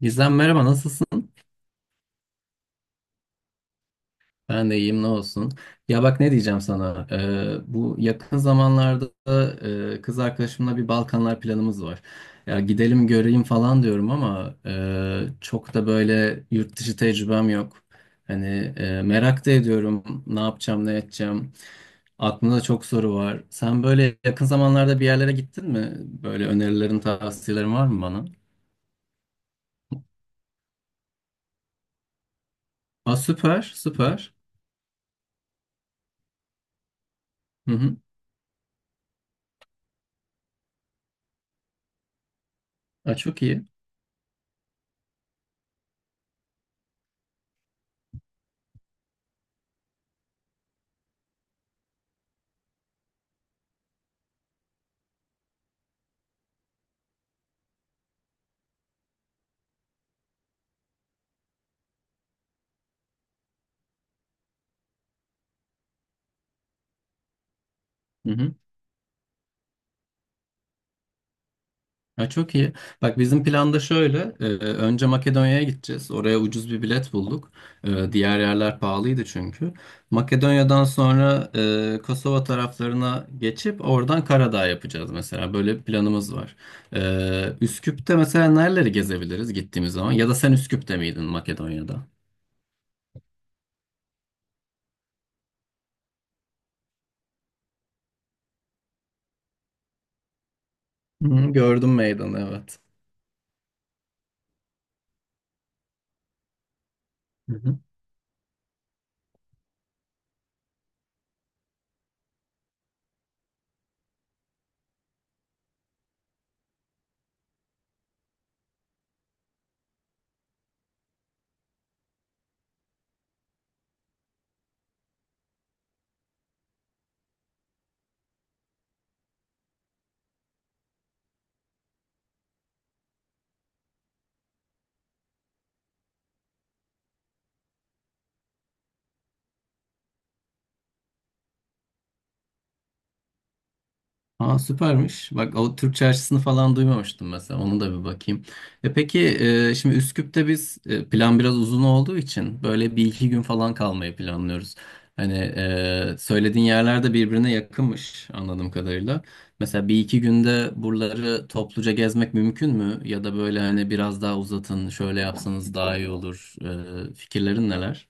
Gizem merhaba nasılsın? Ben de iyiyim ne olsun. Ya bak ne diyeceğim sana. Bu yakın zamanlarda kız arkadaşımla bir Balkanlar planımız var. Ya gidelim göreyim falan diyorum ama çok da böyle yurt dışı tecrübem yok. Hani merak da ediyorum ne yapacağım ne edeceğim. Aklımda çok soru var. Sen böyle yakın zamanlarda bir yerlere gittin mi? Böyle önerilerin tavsiyelerin var mı bana? Aa, süper süper. Hı hı. Aa, çok iyi. Hı hı. Ha, çok iyi. Bak bizim planda şöyle. Önce Makedonya'ya gideceğiz. Oraya ucuz bir bilet bulduk. Diğer yerler pahalıydı çünkü. Makedonya'dan sonra Kosova taraflarına geçip oradan Karadağ yapacağız mesela. Böyle bir planımız var. Üsküp'te mesela nereleri gezebiliriz gittiğimiz zaman? Ya da sen Üsküp'te miydin Makedonya'da? Hı, gördüm meydanı evet. Aa süpermiş. Bak o Türk Çarşısı'nı falan duymamıştım mesela. Onu da bir bakayım. E peki şimdi Üsküp'te biz plan biraz uzun olduğu için böyle bir iki gün falan kalmayı planlıyoruz. Hani söylediğin yerler de birbirine yakınmış anladığım kadarıyla. Mesela bir iki günde buraları topluca gezmek mümkün mü? Ya da böyle hani biraz daha uzatın, şöyle yapsanız daha iyi olur. Fikirlerin neler?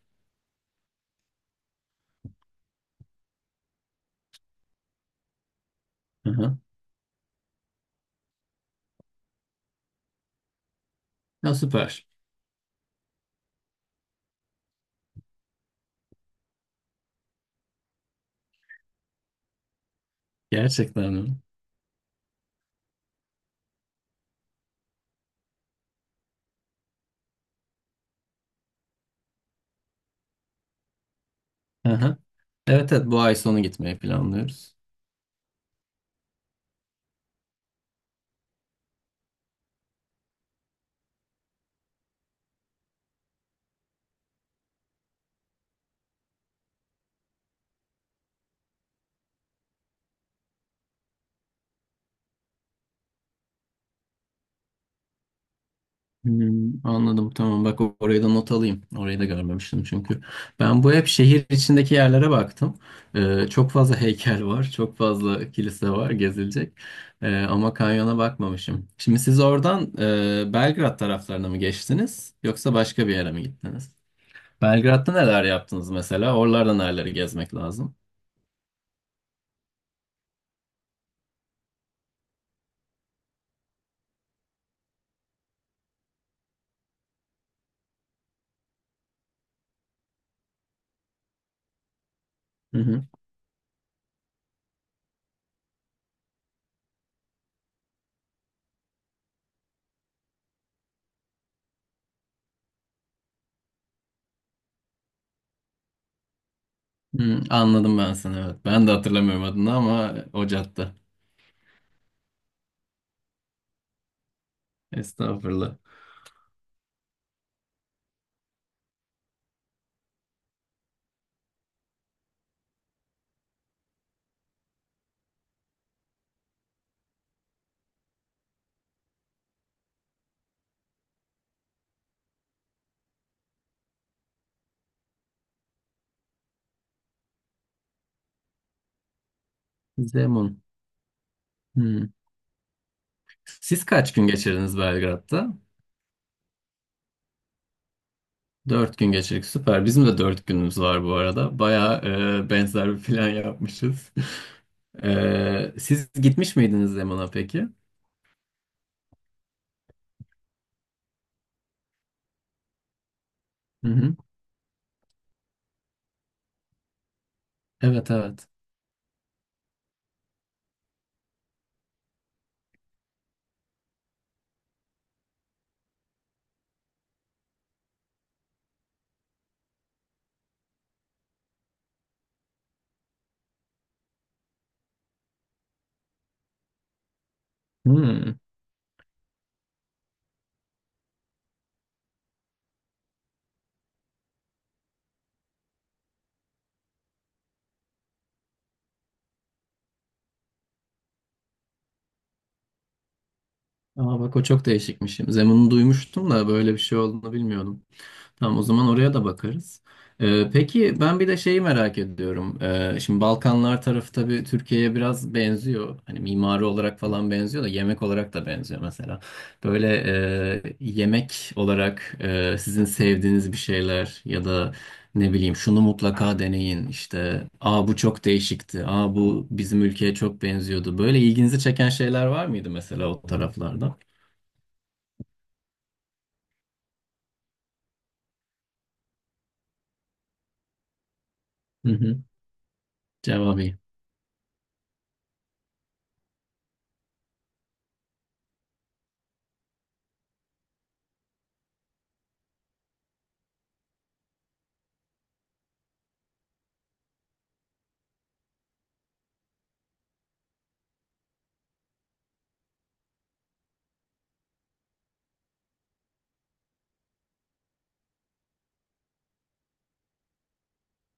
Hı hı. Ya süper. Gerçekten mi? Hı hı. Evet evet, bu ay sonu gitmeyi planlıyoruz. Hmm, anladım tamam, bak orayı da not alayım. Orayı da görmemiştim çünkü. Ben bu hep şehir içindeki yerlere baktım. Çok fazla heykel var, çok fazla kilise var gezilecek. Ama kanyona bakmamışım. Şimdi siz oradan Belgrad taraflarına mı geçtiniz yoksa başka bir yere mi gittiniz? Belgrad'da neler yaptınız mesela? Oralarda nereleri gezmek lazım? Hı hı. Hı, anladım ben seni, evet. Ben de hatırlamıyorum adını ama o cadde. Estağfurullah. Zemun. Hmm. Siz kaç gün geçirdiniz Belgrad'da? Dört gün geçirdik. Süper. Bizim de dört günümüz var bu arada. Bayağı benzer bir plan yapmışız. E, siz gitmiş miydiniz Zemun'a peki? Hı hı. Evet evet. Hmm. Aa bak o çok değişikmiş. Zemun'u duymuştum da böyle bir şey olduğunu bilmiyordum. Tamam, o zaman oraya da bakarız. Peki ben bir de şeyi merak ediyorum. Şimdi Balkanlar tarafı tabii Türkiye'ye biraz benziyor. Hani mimari olarak falan benziyor da yemek olarak da benziyor mesela. Böyle yemek olarak sizin sevdiğiniz bir şeyler ya da ne bileyim şunu mutlaka deneyin işte. Aa bu çok değişikti. Aa bu bizim ülkeye çok benziyordu. Böyle ilginizi çeken şeyler var mıydı mesela o taraflarda? Hı hı. Cevabi.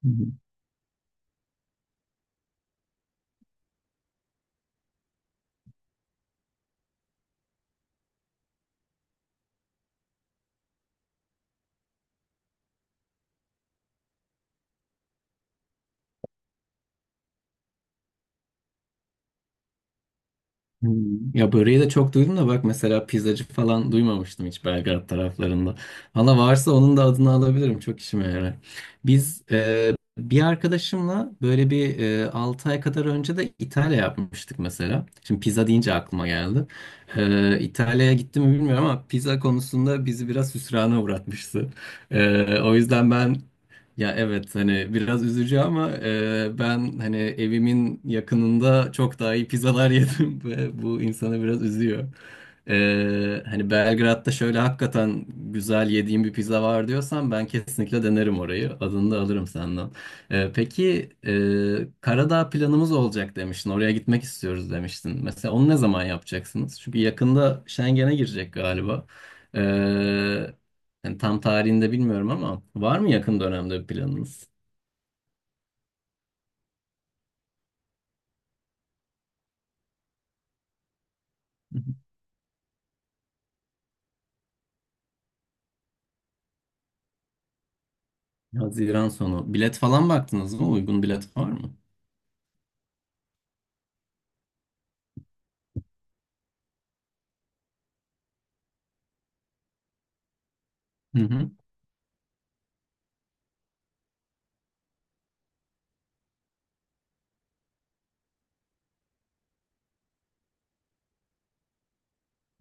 Hı hı. Hmm. Ya böreği de çok duydum da bak mesela pizzacı falan duymamıştım hiç Belgrad taraflarında. Valla varsa onun da adını alabilirim. Çok işime yarar. Biz bir arkadaşımla böyle bir 6 ay kadar önce de İtalya yapmıştık mesela. Şimdi pizza deyince aklıma geldi. E, İtalya'ya gitti mi bilmiyorum ama pizza konusunda bizi biraz hüsrana uğratmıştı. E, o yüzden ben... Ya evet hani biraz üzücü ama ben hani evimin yakınında çok daha iyi pizzalar yedim ve bu insanı biraz üzüyor. Hani Belgrad'da şöyle hakikaten güzel yediğim bir pizza var diyorsan ben kesinlikle denerim orayı. Adını da alırım senden. Peki Karadağ planımız olacak demiştin. Oraya gitmek istiyoruz demiştin. Mesela onu ne zaman yapacaksınız? Çünkü yakında Schengen'e girecek galiba. E, Yani tam tarihini de bilmiyorum ama var mı yakın dönemde bir planınız? Haziran sonu. Bilet falan baktınız mı? Uygun bilet var mı? Hı hı.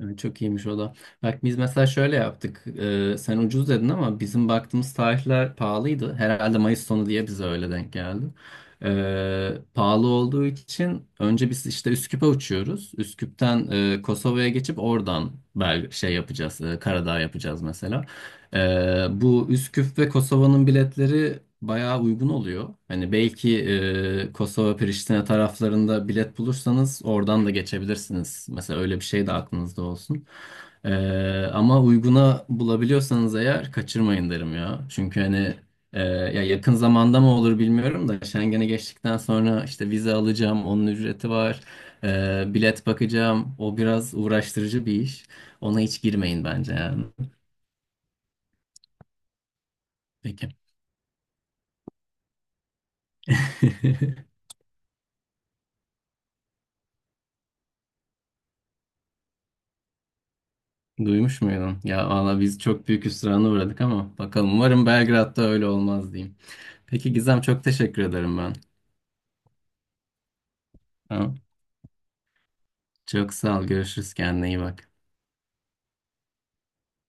Evet, çok iyiymiş o da. Bak biz mesela şöyle yaptık. Sen ucuz dedin ama bizim baktığımız tarihler pahalıydı. Herhalde Mayıs sonu diye bize öyle denk geldi. Pahalı olduğu için önce biz işte Üsküp'e uçuyoruz. Üsküp'ten Kosova'ya geçip oradan şey yapacağız. E, Karadağ yapacağız mesela. Bu Üsküp ve Kosova'nın biletleri bayağı uygun oluyor. Hani belki Kosova, Priştine taraflarında bilet bulursanız oradan da geçebilirsiniz. Mesela öyle bir şey de aklınızda olsun. Ama uyguna bulabiliyorsanız eğer kaçırmayın derim ya. Çünkü hani ya yakın zamanda mı olur bilmiyorum da Schengen'e geçtikten sonra işte vize alacağım, onun ücreti var. Bilet bakacağım. O biraz uğraştırıcı bir iş. Ona hiç girmeyin bence yani. Peki. Duymuş muydun? Ya valla biz çok büyük hüsrana uğradık ama bakalım. Umarım Belgrad'da öyle olmaz diyeyim. Peki Gizem, çok teşekkür ederim ben. Tamam. Çok sağ ol. Görüşürüz. Kendine iyi bak.